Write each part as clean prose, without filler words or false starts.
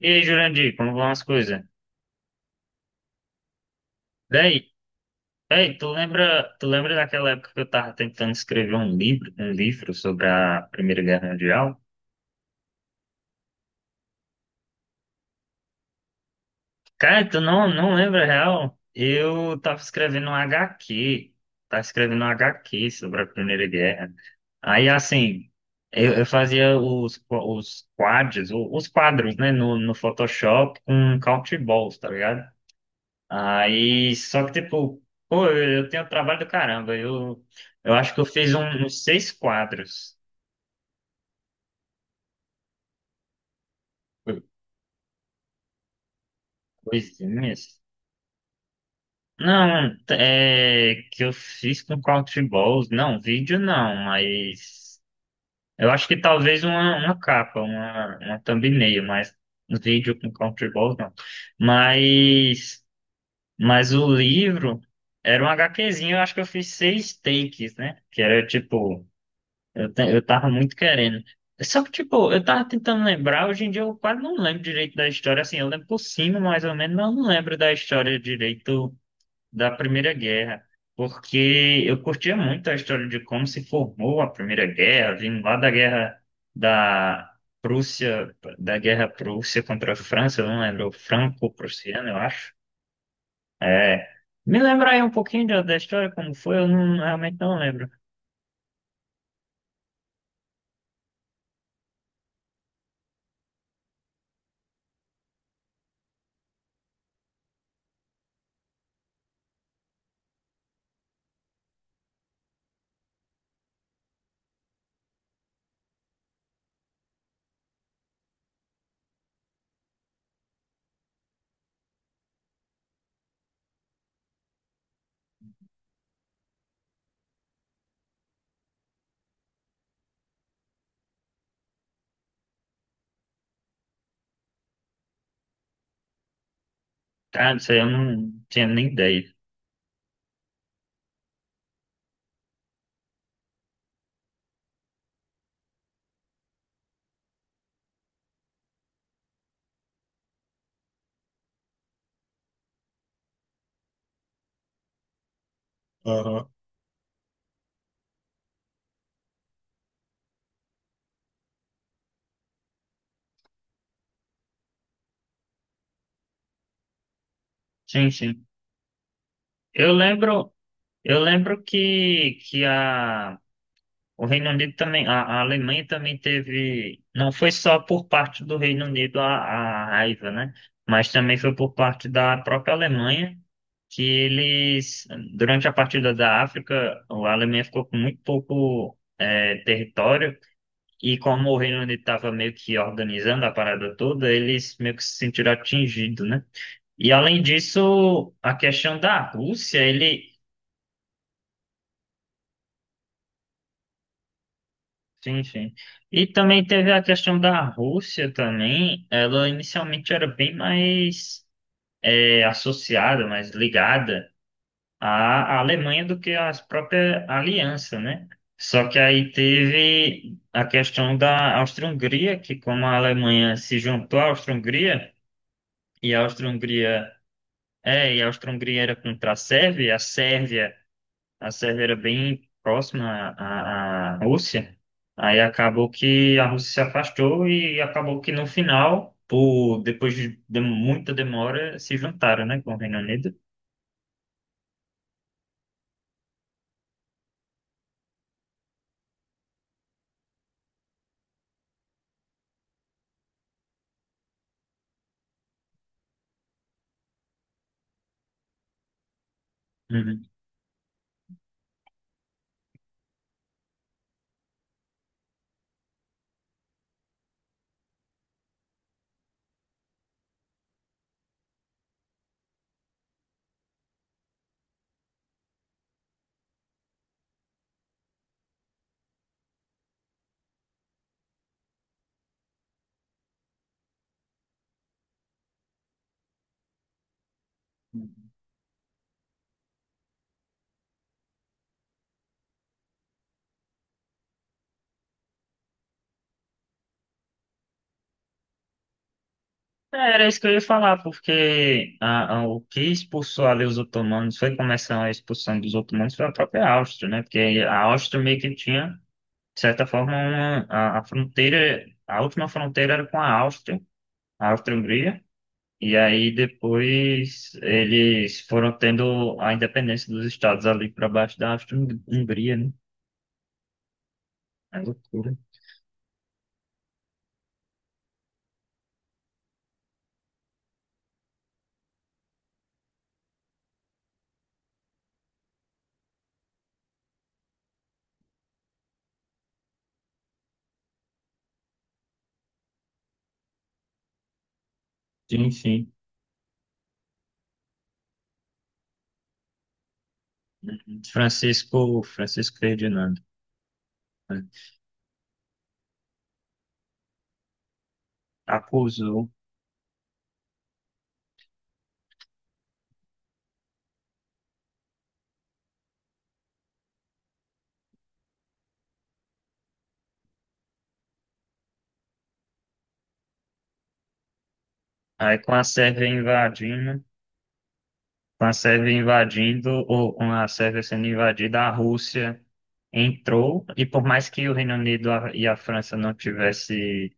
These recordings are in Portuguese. E aí, Jurandir, como vão as coisas? Daí, tu lembra daquela época que eu tava tentando escrever um livro sobre a Primeira Guerra Mundial? Cara, tu não lembra, real? Eu tava escrevendo um HQ, tava escrevendo um HQ sobre a Primeira Guerra. Aí, assim, eu fazia os quadros, os quadros, né, no Photoshop com Country Balls, tá ligado? Aí, só que, tipo, pô, eu tenho trabalho do caramba. Eu acho que eu fiz uns seis quadros, co- coisinhas. Não, é que eu fiz com Countryballs. Não, vídeo não, mas eu acho que talvez uma capa, uma thumbnail, mas vídeo com Countryballs não. Mas, mas o livro era um HQzinho, eu acho que eu fiz seis takes, né? Que era tipo. Eu tava muito querendo. Só que, tipo, eu tava tentando lembrar, hoje em dia eu quase não lembro direito da história, assim, eu lembro por cima, mais ou menos, mas eu não lembro da história direito da Primeira Guerra, porque eu curtia muito a história de como se formou a Primeira Guerra, vindo lá da guerra da Prússia, da guerra Prússia contra a França, eu não lembro, franco-prussiano, eu acho. É. Me lembra aí um pouquinho da história, como foi, eu não, realmente não lembro. Tá, não sei, eu não tinha nem ideia. Sim, sim. Eu lembro, eu lembro que, o Reino Unido também, a Alemanha também teve, não foi só por parte do Reino Unido a raiva, né? Mas também foi por parte da própria Alemanha, que eles, durante a partida da África, a Alemanha ficou com muito pouco território, e como o Reino Unido estava meio que organizando a parada toda, eles meio que se sentiram atingidos, né? E além disso, a questão da Rússia, ele, sim, sim. E também teve a questão da Rússia também. Ela inicialmente era bem mais associada, mais ligada à Alemanha do que à própria aliança, né? Só que aí teve a questão da Áustria-Hungria, que como a Alemanha se juntou à Áustria-Hungria, e a Áustria-Hungria e a Áustria-Hungria era contra a Sérvia, a Sérvia a Sérvia era bem próxima à Rússia, aí acabou que a Rússia se afastou e acabou que no final, por, depois de muita demora, se juntaram, né, com o Reino Unido. Uhum. É, era isso que eu ia falar, porque o que expulsou ali os otomanos foi começar a expulsão dos otomanos foi a própria Áustria, né? Porque a Áustria meio que tinha, de certa forma, a fronteira, a última fronteira era com a Áustria, a Áustria-Hungria. E aí depois eles foram tendo a independência dos estados ali para baixo da Áustria-Hungria, né? É loucura. Sim, sim. Francisco, Francisco Ferdinando, né? Acusou. Aí com a Sérvia invadindo, com a Sérvia invadindo, ou com a Sérvia sendo invadida, a Rússia entrou, e por mais que o Reino Unido e a França não tivessem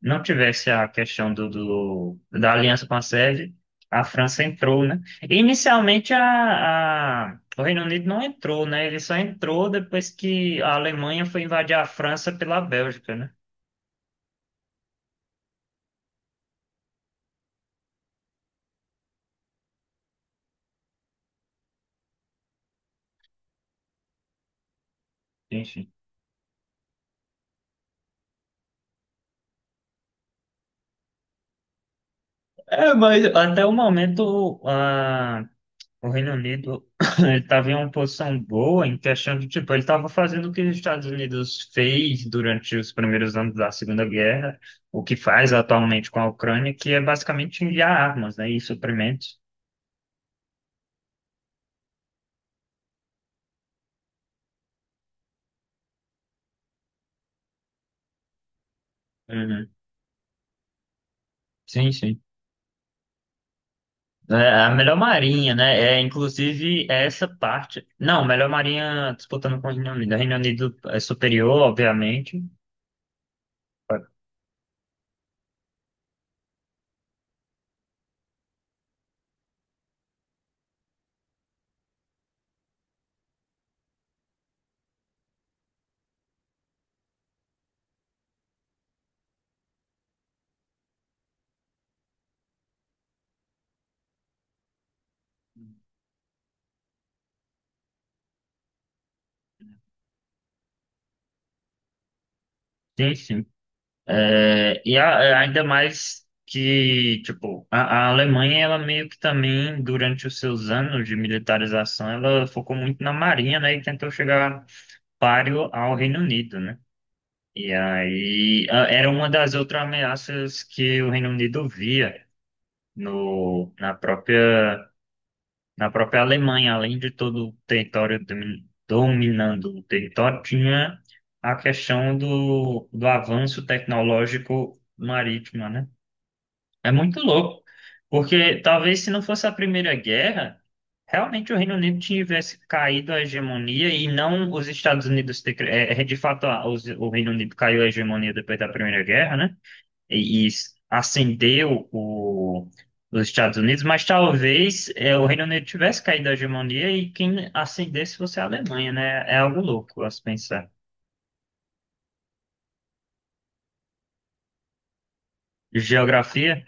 não tivesse a questão do, da aliança com a Sérvia, a França entrou, né? Inicialmente o Reino Unido não entrou, né? Ele só entrou depois que a Alemanha foi invadir a França pela Bélgica, né? Enfim. É, mas até o momento o Reino Unido ele estava em uma posição boa em questão de, tipo, ele estava fazendo o que os Estados Unidos fez durante os primeiros anos da Segunda Guerra, o que faz atualmente com a Ucrânia, que é basicamente enviar armas, né, e suprimentos. Uhum. Sim, sim. É a melhor marinha, né? É, inclusive, é essa parte. Não, melhor marinha disputando com o Reino Unido. O Reino Unido é superior, obviamente. Sim, sim. É, e é, ainda mais que, tipo, a Alemanha, ela meio que também, durante os seus anos de militarização, ela focou muito na marinha, né, e tentou chegar páreo ao Reino Unido, né? E aí era uma das outras ameaças que o Reino Unido via no, na própria Alemanha, além de todo o território dominando o território, tinha a questão do, do avanço tecnológico marítimo, né? É muito louco, porque talvez se não fosse a Primeira Guerra, realmente o Reino Unido tivesse caído a hegemonia e não os Estados Unidos. É, é, de fato, o Reino Unido caiu a hegemonia depois da Primeira Guerra, né? E, ascendeu os Estados Unidos, mas talvez é, o Reino Unido tivesse caído a hegemonia e quem ascendesse fosse a Alemanha, né? É algo louco a se pensar. Geografia.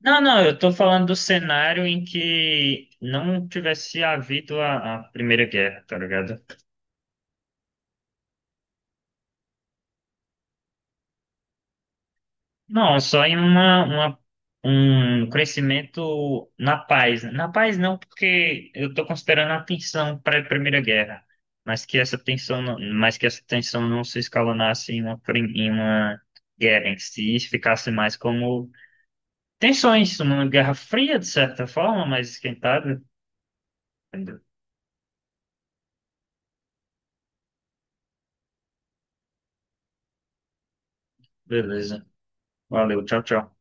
Não, não, eu tô falando do cenário em que não tivesse havido a Primeira Guerra, tá ligado? Não, só em um crescimento na paz. Né? Na paz não, porque eu tô considerando a tensão para a primeira Guerra, mas que essa tensão, mas que essa tensão não se escalonasse em em uma guerra em si, ficasse mais como tensões, uma guerra fria, de certa forma, mas esquentada. Entendeu? Beleza. Valeu, tchau, tchau.